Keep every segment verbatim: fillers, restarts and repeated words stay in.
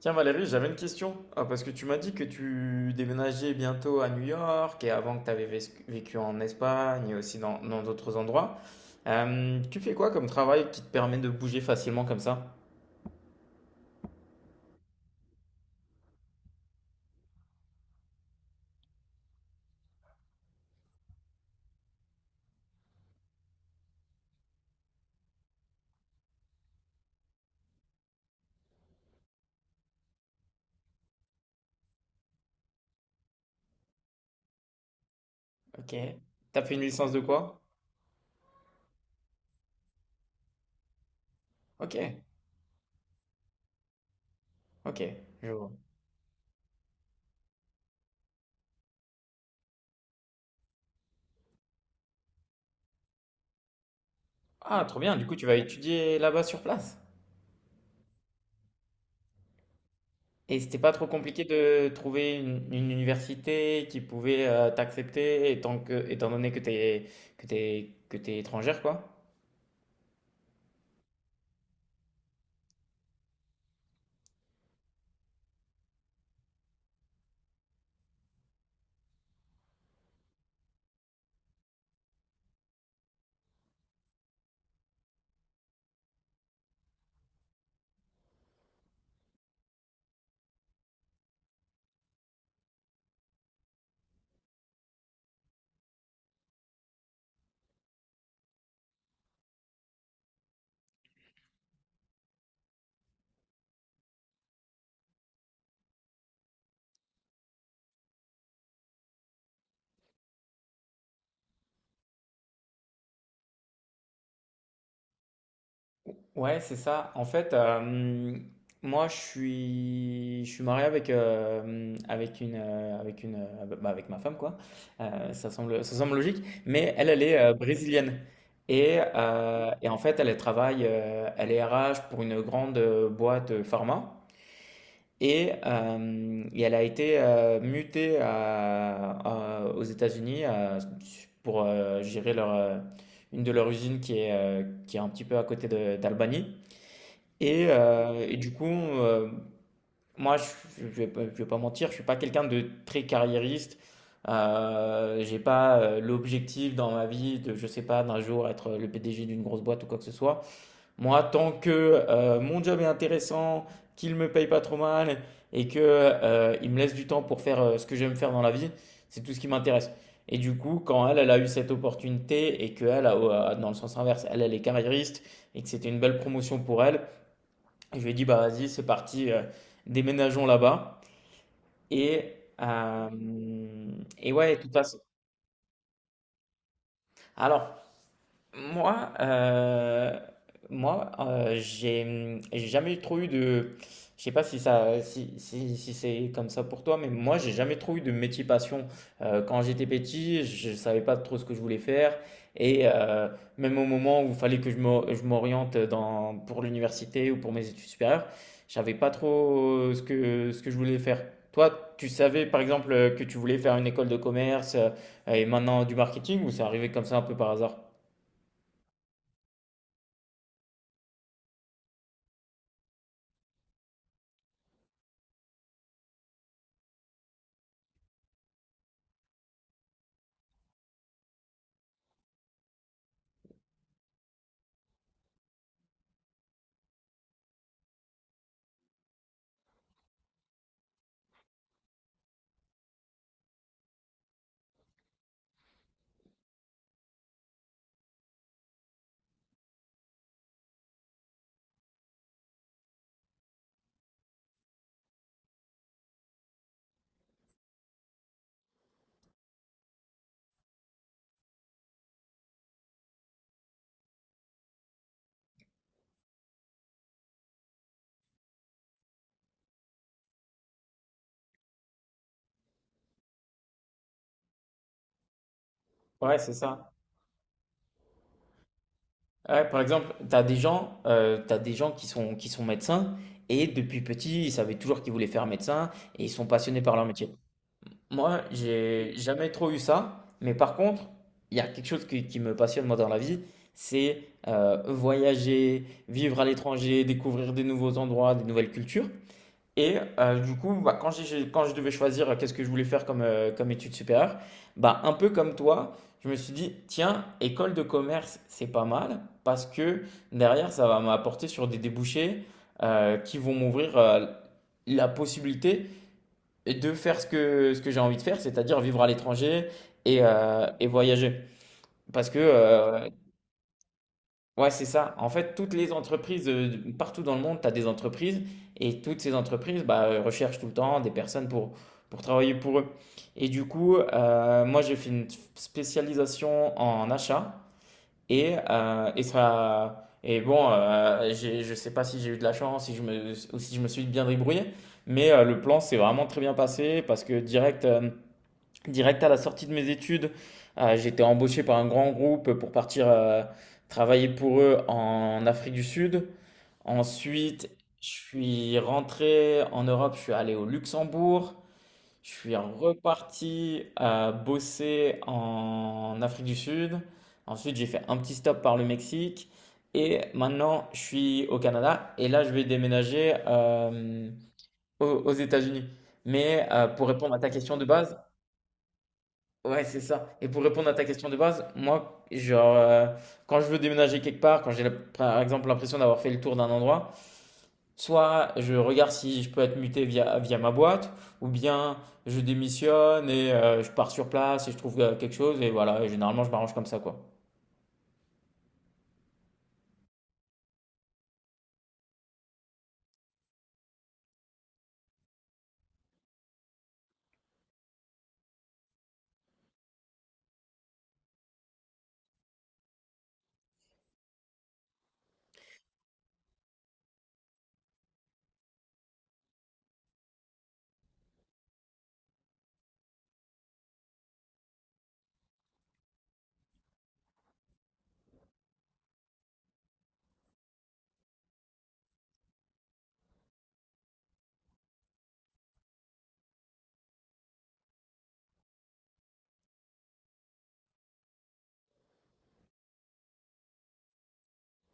Tiens Valérie, j'avais une question. Ah, parce que tu m'as dit que tu déménageais bientôt à New York et avant que tu avais vécu en Espagne et aussi dans dans d'autres endroits. Euh, tu fais quoi comme travail qui te permet de bouger facilement comme ça? Ok. T'as fait une licence de quoi? Ok. Ok. Je vois. Ah, trop bien. Du coup, tu vas étudier là-bas sur place. Et c'était pas trop compliqué de trouver une, une université qui pouvait euh, t'accepter étant que, étant donné que t'es que t'es que t'es étrangère, quoi. Ouais, c'est ça. En fait, euh, moi, je suis, je suis marié avec, euh, avec une, euh, avec une, euh, bah, avec ma femme, quoi. Euh, ça semble, ça semble logique. Mais elle, elle est euh, brésilienne. Et, euh, et en fait, elle travaille, euh, elle est R H pour une grande euh, boîte euh, pharma. Et, euh, et elle a été euh, mutée à- à- aux États-Unis, euh, pour euh, gérer leur, euh, une de leurs usines qui est, euh, qui est un petit peu à côté de- d'Albany. Et, euh, et du coup, euh, moi, je, je vais, pas je vais pas mentir, je suis pas quelqu'un de très carriériste. Euh, j'ai pas euh, l'objectif dans ma vie de, je sais pas, d'un jour être le P D G d'une grosse boîte ou quoi que ce soit. Moi, tant que euh, mon job est intéressant, qu'il me paye pas trop mal et que euh, il me laisse du temps pour faire euh, ce que j'aime faire dans la vie, c'est tout ce qui m'intéresse. Et du coup, quand elle, elle a eu cette opportunité et que elle, a- euh, dans le sens inverse, elle, elle est carriériste et que c'était une belle promotion pour elle. Et je lui ai dit, bah vas-y, c'est parti, euh, déménageons là-bas. Et, euh, et ouais, de toute façon. Alors, Moi, euh, moi, euh, j'ai j'ai jamais trop eu de, je sais pas si ça, si, si, si c'est comme ça pour toi, mais moi, j'ai jamais trop eu de métier passion. Euh, quand j'étais petit, je savais pas trop ce que je voulais faire, et euh, même au moment où il fallait que je m'o- je m'oriente dans pour l'université ou pour mes études supérieures, je savais pas trop ce que ce que je voulais faire. Toi, tu savais par exemple que tu voulais faire une école de commerce, euh, et maintenant du marketing, ou c'est arrivé comme ça un peu par hasard? Ouais, c'est ça. Ouais, par exemple, tu as des gens, euh, t'as des gens qui sont, qui sont médecins et depuis petit, ils savaient toujours qu'ils voulaient faire médecin et ils sont passionnés par leur métier. Moi, j'ai jamais trop eu ça, mais par contre, il y a quelque chose qui, qui me passionne moi dans la vie, c'est euh, voyager, vivre à l'étranger, découvrir des nouveaux endroits, des nouvelles cultures. Et euh, du coup, bah, quand j'ai- quand je devais choisir euh, qu'est-ce que je voulais faire comme, euh, comme études supérieures, bah, un peu comme toi, je me suis dit, tiens, école de commerce, c'est pas mal, parce que derrière, ça va m'apporter sur des débouchés euh, qui vont m'ouvrir, euh, la possibilité de faire ce que, ce que j'ai envie de faire, c'est-à-dire vivre à l'étranger et, euh, et voyager. Parce que euh, Ouais, c'est ça. En fait, toutes les entreprises, euh, de- partout dans le monde, tu as des entreprises et toutes ces entreprises bah, euh, recherchent tout le temps des personnes pour, pour travailler pour eux. Et du coup, euh, moi, j'ai fait une spécialisation en achat et, euh, et ça. Et bon, euh, j'ai- je sais pas si j'ai eu de la chance, si je me, ou si je me suis bien débrouillé, mais euh, le plan s'est vraiment très bien passé parce que direct. euh, direct à la sortie de mes études, euh, j'ai été embauché par un grand groupe pour partir euh, travailler pour eux en Afrique du Sud. Ensuite, je suis rentré en Europe, je suis allé au Luxembourg, je suis reparti euh, bosser en Afrique du Sud. Ensuite, j'ai fait un petit stop par le Mexique et maintenant je suis au Canada et là je vais déménager euh, aux aux États-Unis. Mais euh, pour répondre à ta question de base, ouais, c'est ça. Et pour répondre à ta question de base, moi, genre, euh, quand je veux déménager quelque part, quand j'ai la- par exemple l'impression d'avoir fait le tour d'un endroit, soit je regarde si je peux être muté via, via ma boîte, ou bien je démissionne et euh, je pars sur place et je trouve euh, quelque chose, et voilà, et généralement je m'arrange comme ça, quoi.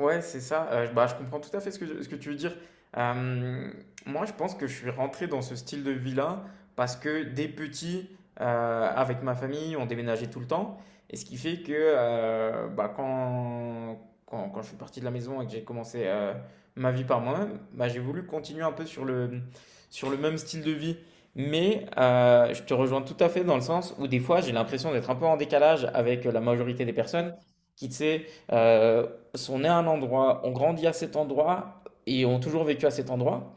Ouais, c'est ça. Heu, bah, je comprends tout à fait ce que ce que tu veux dire. Hem, moi, je pense que je suis rentré dans ce style de vie-là parce que dès petit, heu, avec ma famille, on déménageait tout le temps et ce qui fait que, heu, bah, quand quand quand je suis parti de la maison et que j'ai commencé, heu, ma vie par moi-même, bah, j'ai voulu continuer un peu sur le, mmh, sur le même style de vie. Mais, heu, je te rejoins tout à fait dans le sens où des fois, j'ai l'impression d'être un peu en décalage avec, la majorité des personnes qui, tu sais, euh, sont est à un endroit, ont grandi à cet endroit et ont toujours vécu à cet endroit.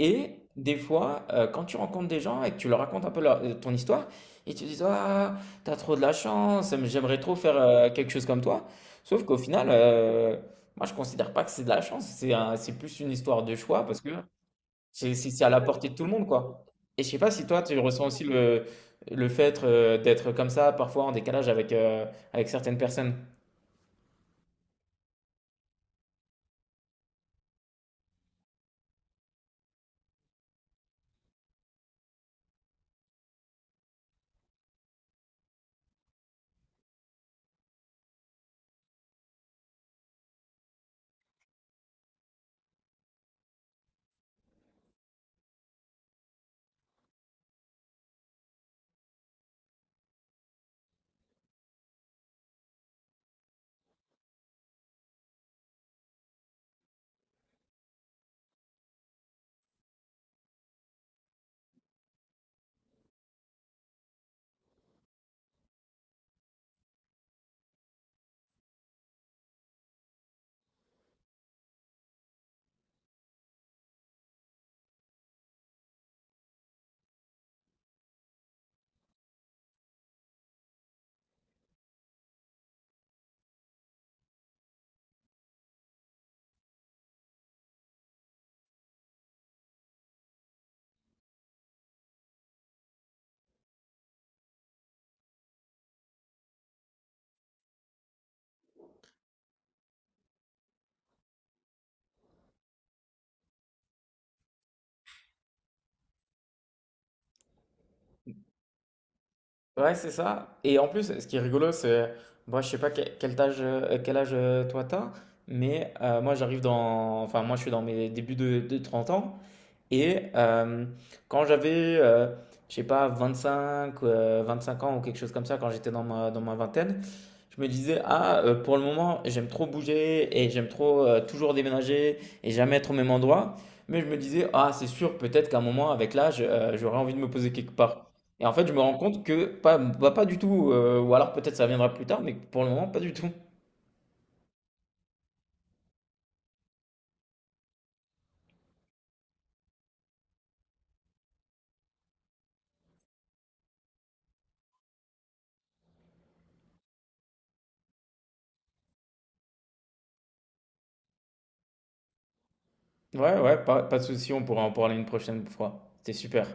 Et des fois, euh, quand tu rencontres des gens et que tu leur racontes un peu leur- euh, ton histoire, ils te disent, ah, t'as trop de la chance, mais j'aimerais trop faire euh, quelque chose comme toi. Sauf qu'au final, euh, moi je considère pas que c'est de la chance, c'est un- c'est plus une histoire de choix parce que c'est c'est- c'est à la portée de tout le monde, quoi. Et je sais pas si toi tu ressens aussi le, le fait euh, d'être comme ça, parfois en décalage avec, euh, avec certaines personnes. Ouais, c'est ça. Et en plus, ce qui est rigolo, c'est, moi, je sais pas que- quel âge, euh, quel âge euh, toi t'as, mais euh, moi, j'arrive dans, enfin, moi, je suis dans mes débuts de, de trente ans, et euh, quand j'avais, euh, je sais pas, vingt-cinq, euh, cinq ans ou quelque chose comme ça, quand j'étais dans ma, dans ma vingtaine, je me disais, ah, euh, pour le moment, j'aime trop bouger et j'aime trop euh, toujours déménager et jamais être au même endroit. Mais je me disais, ah, c'est sûr, peut-être qu'à un moment, avec l'âge, euh, j'aurais envie de me poser quelque part. Et en fait, je me rends compte que pas, bah, pas du tout, euh, ou alors peut-être ça viendra plus tard, mais pour le moment, pas du tout. Ouais, ouais, pas, pas de souci, on pourra en parler une prochaine fois. C'était super.